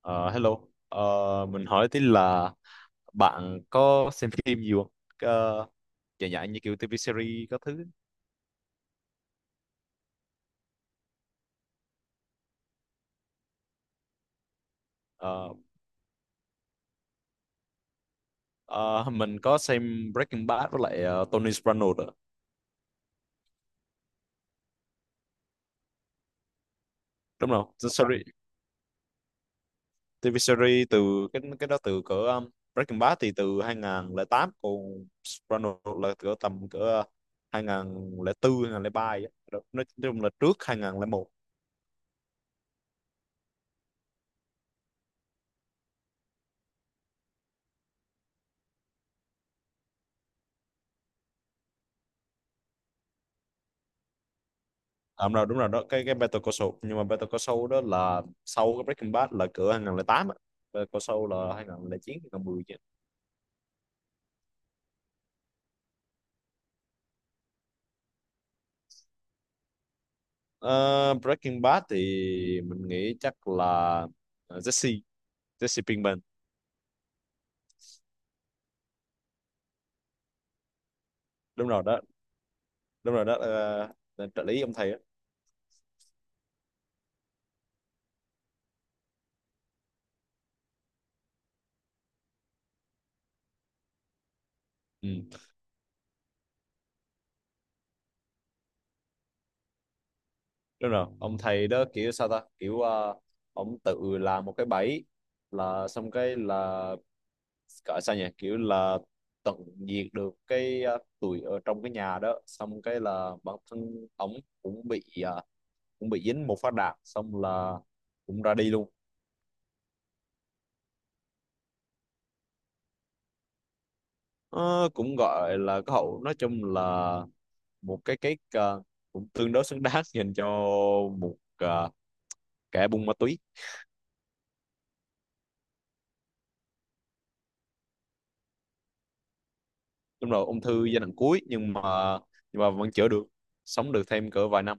Ờ, hello. Ờ, mình hỏi tí là bạn có xem phim nhiều không? Ờ, Dạng dạng như kiểu TV series các thứ. Ờ, ờ, mình có xem Breaking Bad với lại Tony Soprano đó. Đúng không? The Series, TV series từ cái đó từ cỡ Breaking Bad thì từ 2008, còn Soprano là cỡ, tầm cỡ 2004 2003 vậy. Đó. Nói chung là trước 2001. À, đúng rồi đó, cái Better Call Saul. Nhưng mà Better Call Saul đó là sau cái Breaking Bad, là cửa 2008 á. Better Call Saul là 2009 2010 chứ. Ờ, Breaking Bad thì mình nghĩ chắc là Jesse Jesse Pinkman. Đúng rồi đó. Đúng rồi đó. Ờ, là trợ lý ông thầy á. Ừ. Đúng rồi, ông thầy đó kiểu sao ta, kiểu ông tự làm một cái bẫy, là xong cái là gọi sao nhỉ, kiểu là tận diệt được cái tụi ở trong cái nhà đó. Xong cái là bản thân ổng cũng bị dính một phát đạn, xong là cũng ra đi luôn. Ờ, Cũng gọi là cái hậu, nói chung là một cũng tương đối xứng đáng dành cho một kẻ buôn ma túy. Đúng rồi, ung thư giai đoạn cuối, nhưng mà vẫn chữa được, sống được thêm cỡ vài năm.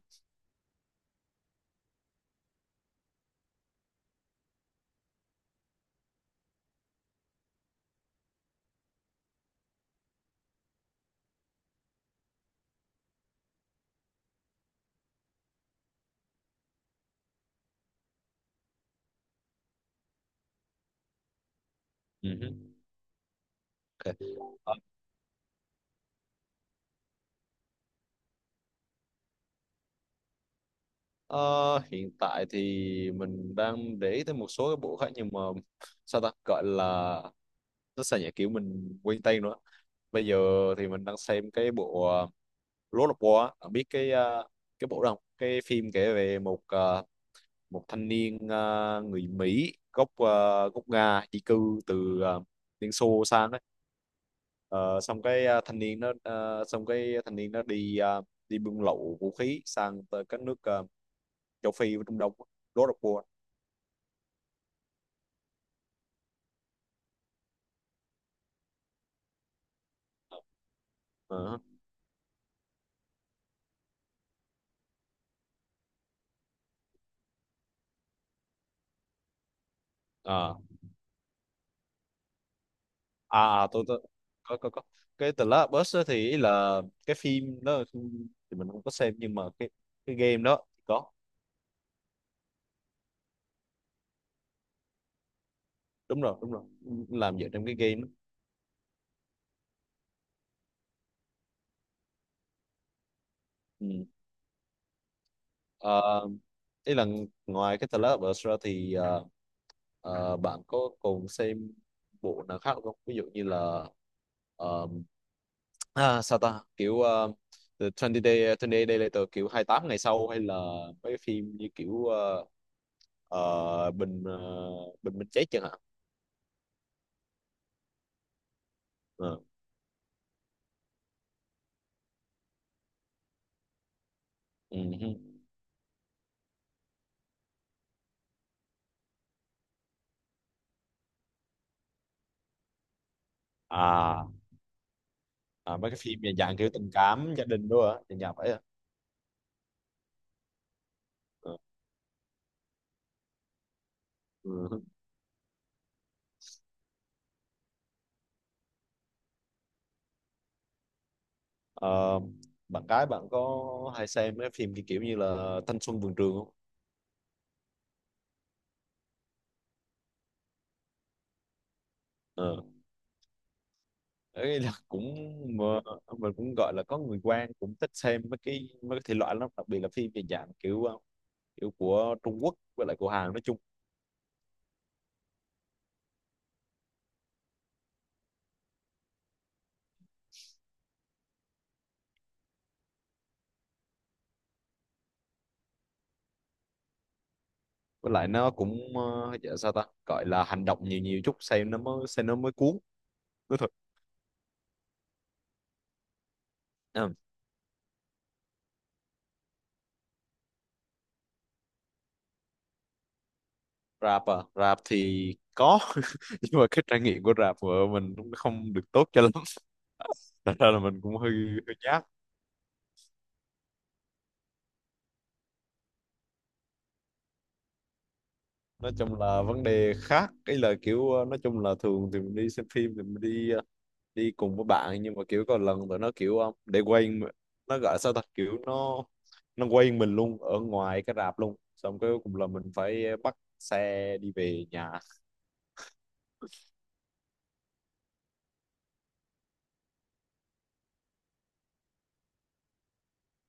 Ừ. Ok. Ờ, Ờ, Hiện tại thì mình đang để ý tới một số cái bộ khác, nhưng mà sao ta gọi là, nó sao nhỉ, kiểu mình quên tên nữa bây giờ. Thì mình đang xem cái bộ Lord of War á. Bạn biết cái bộ đó không? Cái phim kể về một thanh niên, người Mỹ gốc gốc Nga di cư từ Liên Xô sang đấy. Ờ, xong cái ờ, thanh niên nó ờ, Xong cái thanh niên nó đi buôn lậu vũ khí sang tới các nước châu Phi và Trung Đông. Lord of War. Ờ. Ờ. Tôi có cái The Last of Us á. Thì ý là cái phim đó thì mình không có xem, nhưng mà cái game đó có. Đúng rồi, đúng rồi, làm dựa trong cái game đó. Ừ. Ờ, Ý là ngoài cái The Last of Us ra thì bạn có còn xem bộ nào khác không? Ví dụ như là ờ, sao ta kiểu The 20 Day Later, kiểu 28 ngày sau. Hay là mấy cái phim như kiểu ờ, bình ờ, bình minh chết chẳng hạn. Ờ, ừ, hứ. à, À, mấy cái phim dạng kiểu tình cảm gia đình, đúng không ạ? Dạng dạng vậy à? Ờ, ừ, hứ. Ờ, Bạn gái bạn có hay xem mấy phim kiểu kiểu như là thanh xuân vườn trường không? Ờ, Ấy là mà, mình cũng gọi là có người quen cũng thích xem mấy cái thể loại lắm, đặc biệt là phim về dạng kiểu kiểu của Trung Quốc với lại của Hàn nói chung. Với lại nó cũng dạ sao ta gọi là hành động nhiều nhiều chút, xem nó mới cuốn, nói thật. Ừ. Rap à? Rap thì có nhưng mà cái trải nghiệm của rap của mình cũng không được tốt cho lắm thật ra là mình cũng hơi hơi nhát. Nói chung là vấn đề khác, cái là kiểu nói chung là thường thì mình đi xem phim thì mình đi cùng với bạn. Nhưng mà kiểu có lần tụi nó kiểu để quên, nó gọi sao ta, kiểu nó quên mình luôn ở ngoài cái rạp luôn. Xong cái cùng là mình phải bắt xe đi về nhà.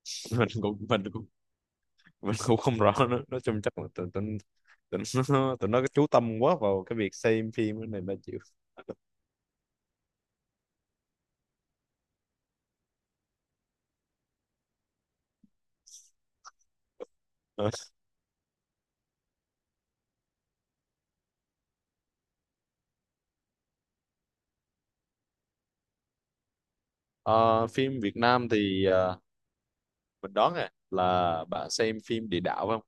mình cũng mình cũng mình cũng không rõ nữa. Nói chung chắc là tụi tụi tụi nó tụi nó chú tâm quá vào cái việc xem phim này mà chịu. Ờ, Phim Việt Nam thì mình đoán là bạn xem phim địa đạo phải không?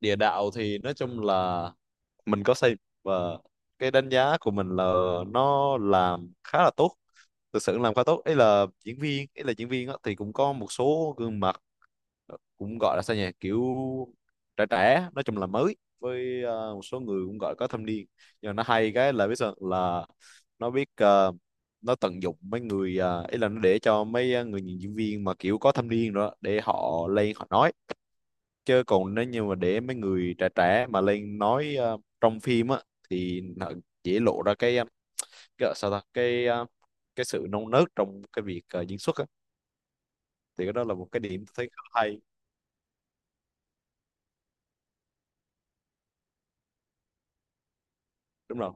Địa đạo thì nói chung là mình có xây, và cái đánh giá của mình là nó làm khá là tốt. Thực sự làm khá tốt. Ấy là diễn viên á, thì cũng có một số gương mặt. Cũng gọi là sao nhỉ, kiểu trẻ trẻ, nói chung là mới, với một số người cũng gọi có thâm niên. Nhưng mà nó hay cái là biết sao, là nó biết ờ, nó tận dụng mấy người. Ý là nó để cho mấy người diễn viên mà kiểu có thâm niên rồi đó để họ lên họ nói. Chứ còn nếu như mà để mấy người trẻ trẻ mà lên nói trong phim á, thì nó dễ lộ ra cái ờ, sao ta cái ờ, cái sự non nớt trong cái việc diễn xuất á. Thì cái đó là một cái điểm tôi thấy khá hay. Đúng rồi,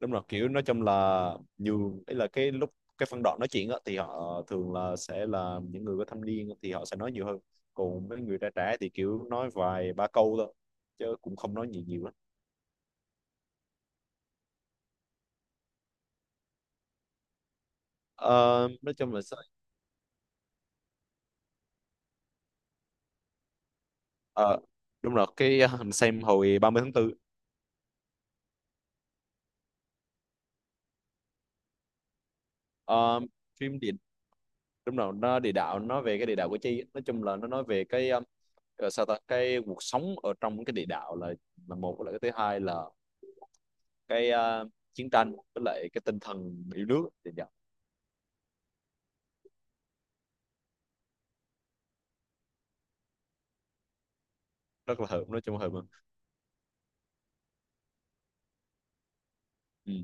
đúng rồi. Kiểu nói chung là nhiều, ấy là cái lúc cái phân đoạn nói chuyện á, thì họ thường là sẽ là những người có thâm niên thì họ sẽ nói nhiều hơn, còn mấy người trẻ trẻ thì kiểu nói vài ba câu thôi, chứ cũng không nói nhiều nhiều lắm. Ờ, nói chung là ờ, đúng rồi, cái mình xem hồi ba mươi tháng 4. Ờ, phim địa Đúng rồi, nó địa đạo, nó về cái địa đạo của chi. Nói chung là nó nói về cái sao ta cái cuộc sống ở trong cái địa đạo là một, với lại cái thứ hai là cái chiến tranh với lại cái tinh thần yêu nước, thì dạ. Rất là hợp, nói chung hợp mà. Ừ.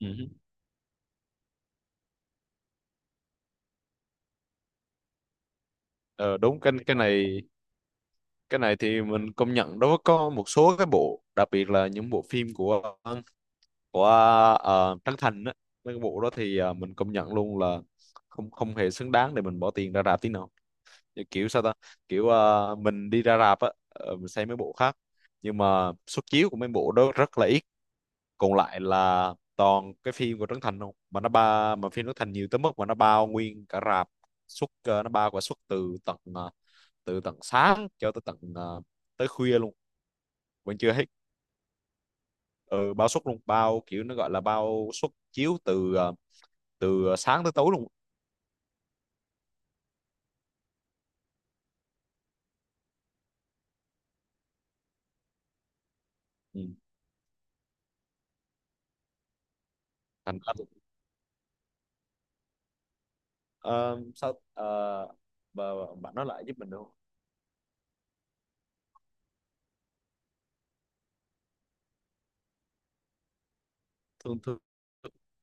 Ừ. Ờ, Đúng, cái này, cái này thì mình công nhận đó. Có một số cái bộ, đặc biệt là những bộ phim của của Trấn Thành á. Mấy cái bộ đó thì mình công nhận luôn là không không hề xứng đáng để mình bỏ tiền ra rạp tí nào. Như kiểu sao ta, kiểu mình đi ra rạp á, mình xem mấy bộ khác. Nhưng mà suất chiếu của mấy bộ đó rất là ít, còn lại là toàn cái phim của Trấn Thành không. Mà nó ba Mà phim Trấn Thành nhiều tới mức mà nó bao nguyên cả rạp. Nó bao cả suất từ tận sáng cho tới tới khuya luôn, vẫn chưa hết. Ừ, bao suất luôn, kiểu nó gọi là bao suất chiếu từ từ sáng tới tối luôn. Ừ. Thành ra, ờ, sao ờ, bà- bạn nói lại giúp mình được không? thường thường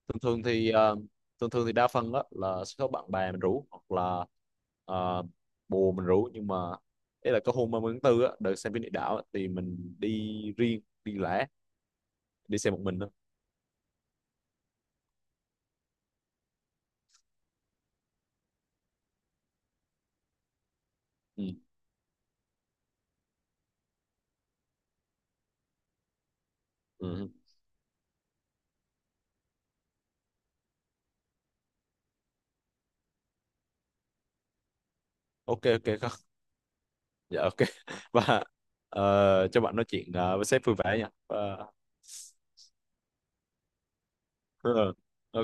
thường thường thì ờ, thường thường thì đa phần á là sẽ có bạn bè mình rủ, hoặc là ờ, bồ mình rủ. Nhưng mà ý là có hôm 30/4 á, đợt xem phim địa đạo á, thì mình đi riêng đi lẻ, đi xe một mình thôi. Ừ. Ừ. Ok, ok, không, dạ, ok và cho bạn nói chuyện với sếp vui vẻ nha. Ờ. ờ,